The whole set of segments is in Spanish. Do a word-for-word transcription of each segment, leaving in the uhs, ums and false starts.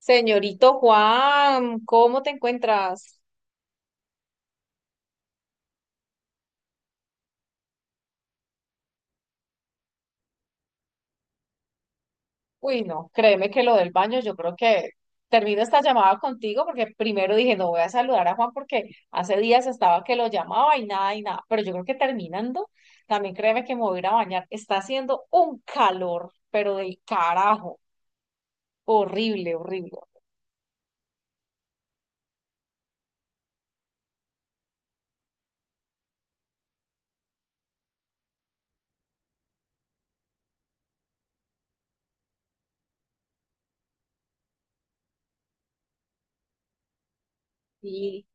Señorito Juan, ¿cómo te encuentras? Uy, no, créeme que lo del baño, yo creo que termino esta llamada contigo porque primero dije, no voy a saludar a Juan porque hace días estaba que lo llamaba y nada y nada, pero yo creo que terminando, también créeme que me voy a ir a bañar. Está haciendo un calor, pero del carajo, horrible, horrible. Y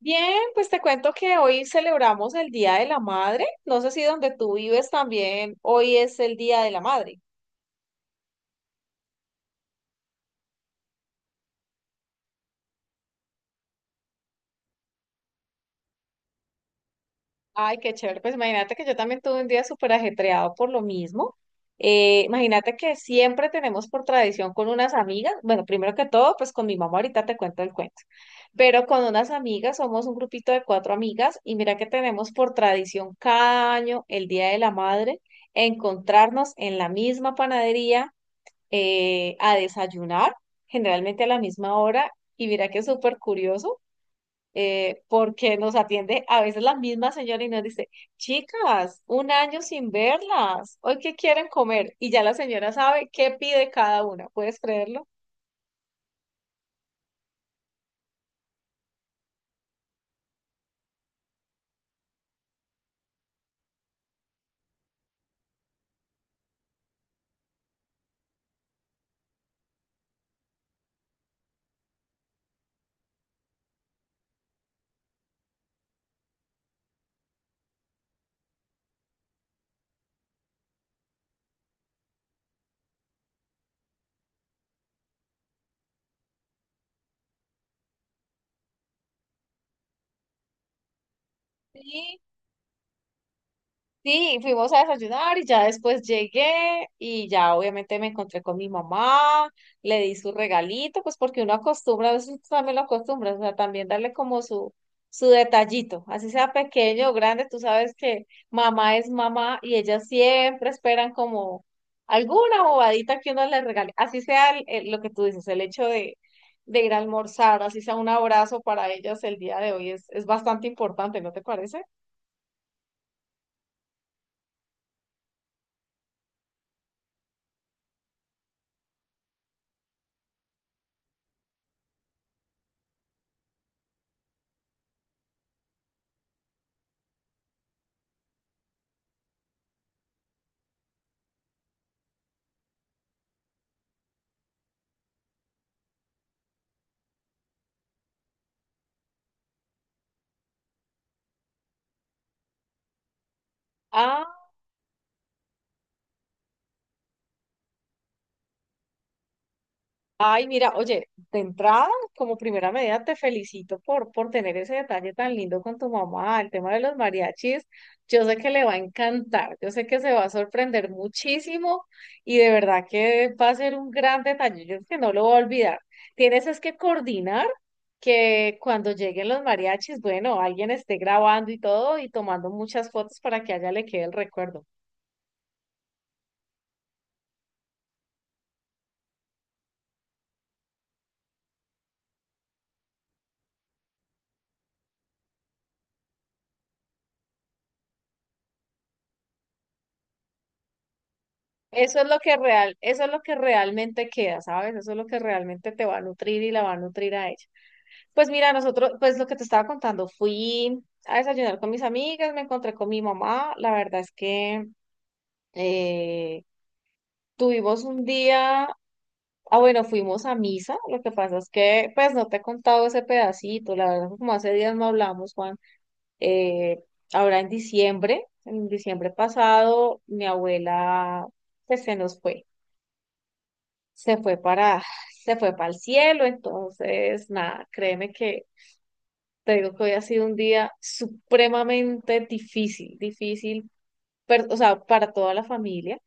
bien, pues te cuento que hoy celebramos el Día de la Madre. No sé si donde tú vives también, hoy es el Día de la Madre. Ay, qué chévere. Pues imagínate que yo también tuve un día súper ajetreado por lo mismo. Eh, imagínate que siempre tenemos por tradición con unas amigas, bueno, primero que todo, pues con mi mamá ahorita te cuento el cuento, pero con unas amigas, somos un grupito de cuatro amigas y mira que tenemos por tradición cada año, el Día de la Madre, encontrarnos en la misma panadería eh, a desayunar, generalmente a la misma hora, y mira que es súper curioso eh, porque nos atiende a veces la misma señora y nos dice, chicas, un año sin verlas, hoy qué quieren comer. Y ya la señora sabe qué pide cada una, ¿puedes creerlo? Sí, sí, fuimos a desayunar y ya después llegué y ya obviamente me encontré con mi mamá, le di su regalito, pues porque uno acostumbra, a veces también lo acostumbra, o sea, también darle como su, su detallito, así sea pequeño o grande, tú sabes que mamá es mamá y ellas siempre esperan como alguna bobadita que uno les regale, así sea el- el- lo que tú dices, el hecho de, de ir a almorzar, así sea un abrazo para ellas el día de hoy es, es bastante importante, ¿no te parece? Ah, ay, mira, oye, de entrada, como primera medida, te felicito por, por tener ese detalle tan lindo con tu mamá, el tema de los mariachis. Yo sé que le va a encantar, yo sé que se va a sorprender muchísimo y de verdad que va a ser un gran detalle, yo que no lo voy a olvidar. Tienes es que coordinar que cuando lleguen los mariachis, bueno, alguien esté grabando y todo y tomando muchas fotos para que a ella le quede el recuerdo. Eso es lo que real, eso es lo que realmente queda, ¿sabes? Eso es lo que realmente te va a nutrir y la va a nutrir a ella. Pues mira, nosotros, pues lo que te estaba contando, fui a desayunar con mis amigas, me encontré con mi mamá, la verdad es que eh, tuvimos un día, ah bueno, fuimos a misa, lo que pasa es que pues no te he contado ese pedacito, la verdad como hace días no hablamos, Juan, eh, ahora en diciembre, en diciembre pasado, mi abuela pues se nos fue. se fue para, Se fue para el cielo, entonces, nada, créeme que te digo que hoy ha sido un día supremamente difícil, difícil, per- o sea, para toda la familia,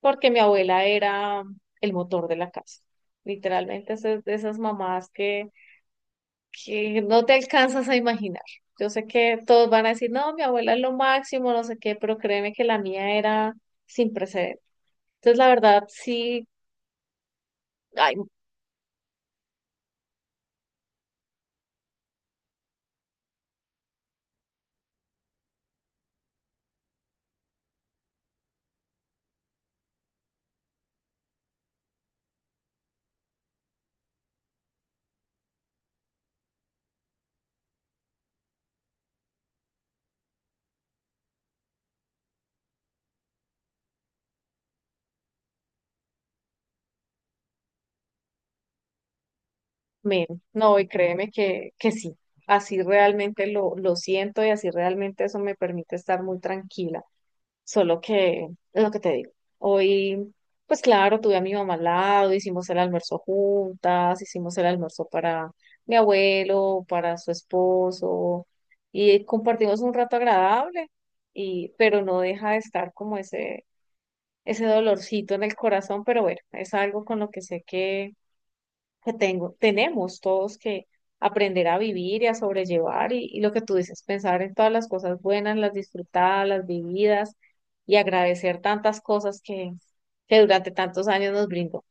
porque mi abuela era el motor de la casa, literalmente es de esas mamás que, que no te alcanzas a imaginar. Yo sé que todos van a decir, no, mi abuela es lo máximo, no sé qué, pero créeme que la mía era sin precedentes. Entonces, la verdad, sí. Ay, men, no, y créeme que, que sí, así realmente lo, lo siento y así realmente eso me permite estar muy tranquila. Solo que, es lo que te digo, hoy, pues claro, tuve a mi mamá al lado, hicimos el almuerzo juntas, hicimos el almuerzo para mi abuelo, para su esposo, y compartimos un rato agradable, y, pero no deja de estar como ese, ese dolorcito en el corazón, pero bueno, es algo con lo que sé que tengo, tenemos todos que aprender a vivir y a sobrellevar y, y lo que tú dices, pensar en todas las cosas buenas, las disfrutadas, las vividas y agradecer tantas cosas que, que durante tantos años nos brindó.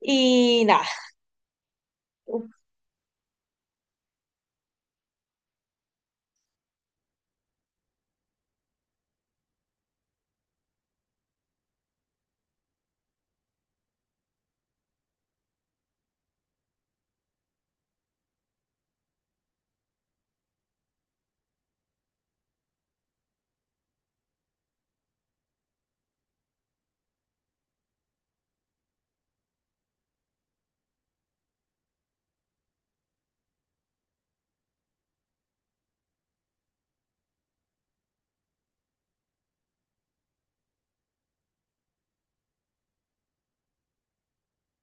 Y nada, uf,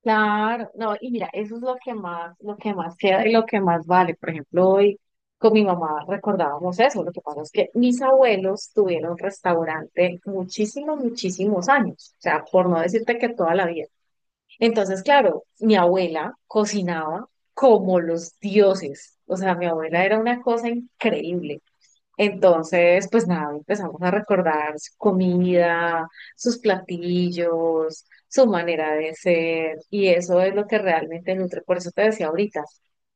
claro, no, y mira, eso es lo que más, lo que más queda y lo que más vale. Por ejemplo, hoy con mi mamá recordábamos eso, lo que pasa es que mis abuelos tuvieron restaurante muchísimos, muchísimos años, o sea, por no decirte que toda la vida. Entonces, claro, mi abuela cocinaba como los dioses. O sea, mi abuela era una cosa increíble. Entonces, pues nada, empezamos a recordar su comida, sus platillos, su manera de ser, y eso es lo que realmente nutre. Por eso te decía ahorita,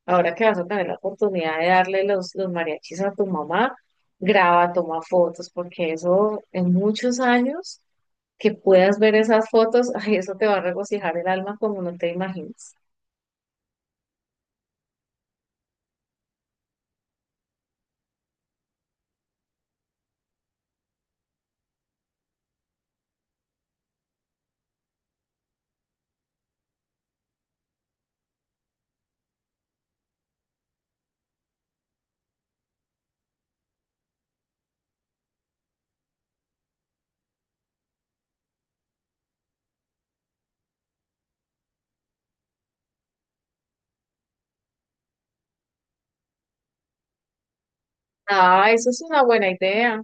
ahora que vas a tener la oportunidad de darle los, los mariachis a tu mamá, graba, toma fotos, porque eso en muchos años que puedas ver esas fotos, ay, eso te va a regocijar el alma como no te imaginas. Ah, eso es una buena idea.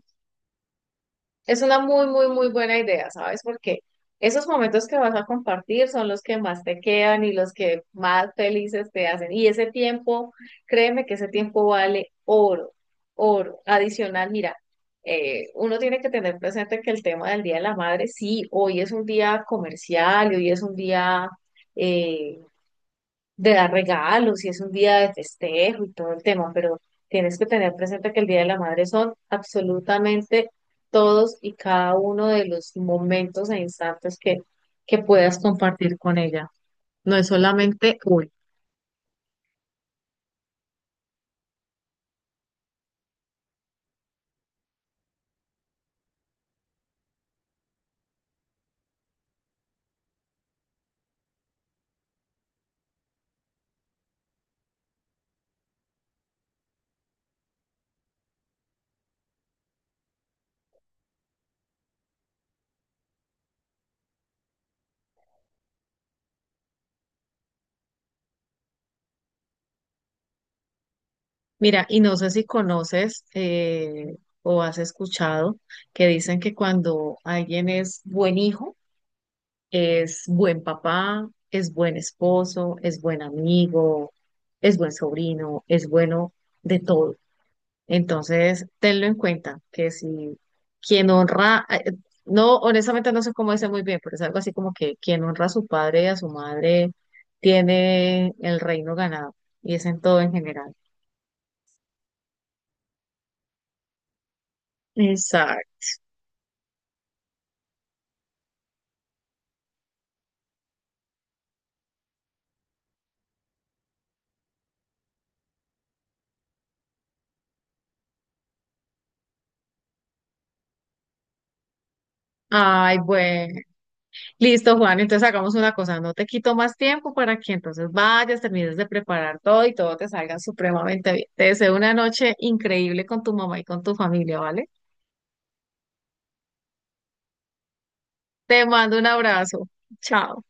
Es una muy, muy, muy buena idea, ¿sabes? Porque esos momentos que vas a compartir son los que más te quedan y los que más felices te hacen. Y ese tiempo, créeme que ese tiempo vale oro, oro. Adicional, mira, eh, uno tiene que tener presente que el tema del Día de la Madre, sí, hoy es un día comercial y hoy es un día, eh, de dar regalos y es un día de festejo y todo el tema, pero tienes que tener presente que el Día de la Madre son absolutamente todos y cada uno de los momentos e instantes que, que puedas compartir con ella. No es solamente hoy. Mira, y no sé si conoces eh, o has escuchado que dicen que cuando alguien es buen hijo, es buen papá, es buen esposo, es buen amigo, es buen sobrino, es bueno de todo. Entonces, tenlo en cuenta, que si quien honra, eh, no, honestamente no sé cómo dice muy bien, pero es algo así como que quien honra a su padre y a su madre tiene el reino ganado, y es en todo en general. Exacto. Ay, bueno. Listo, Juan, entonces hagamos una cosa, no te quito más tiempo para que entonces vayas, termines de preparar todo y todo te salga supremamente bien. Te deseo una noche increíble con tu mamá y con tu familia, ¿vale? Te mando un abrazo. Chao.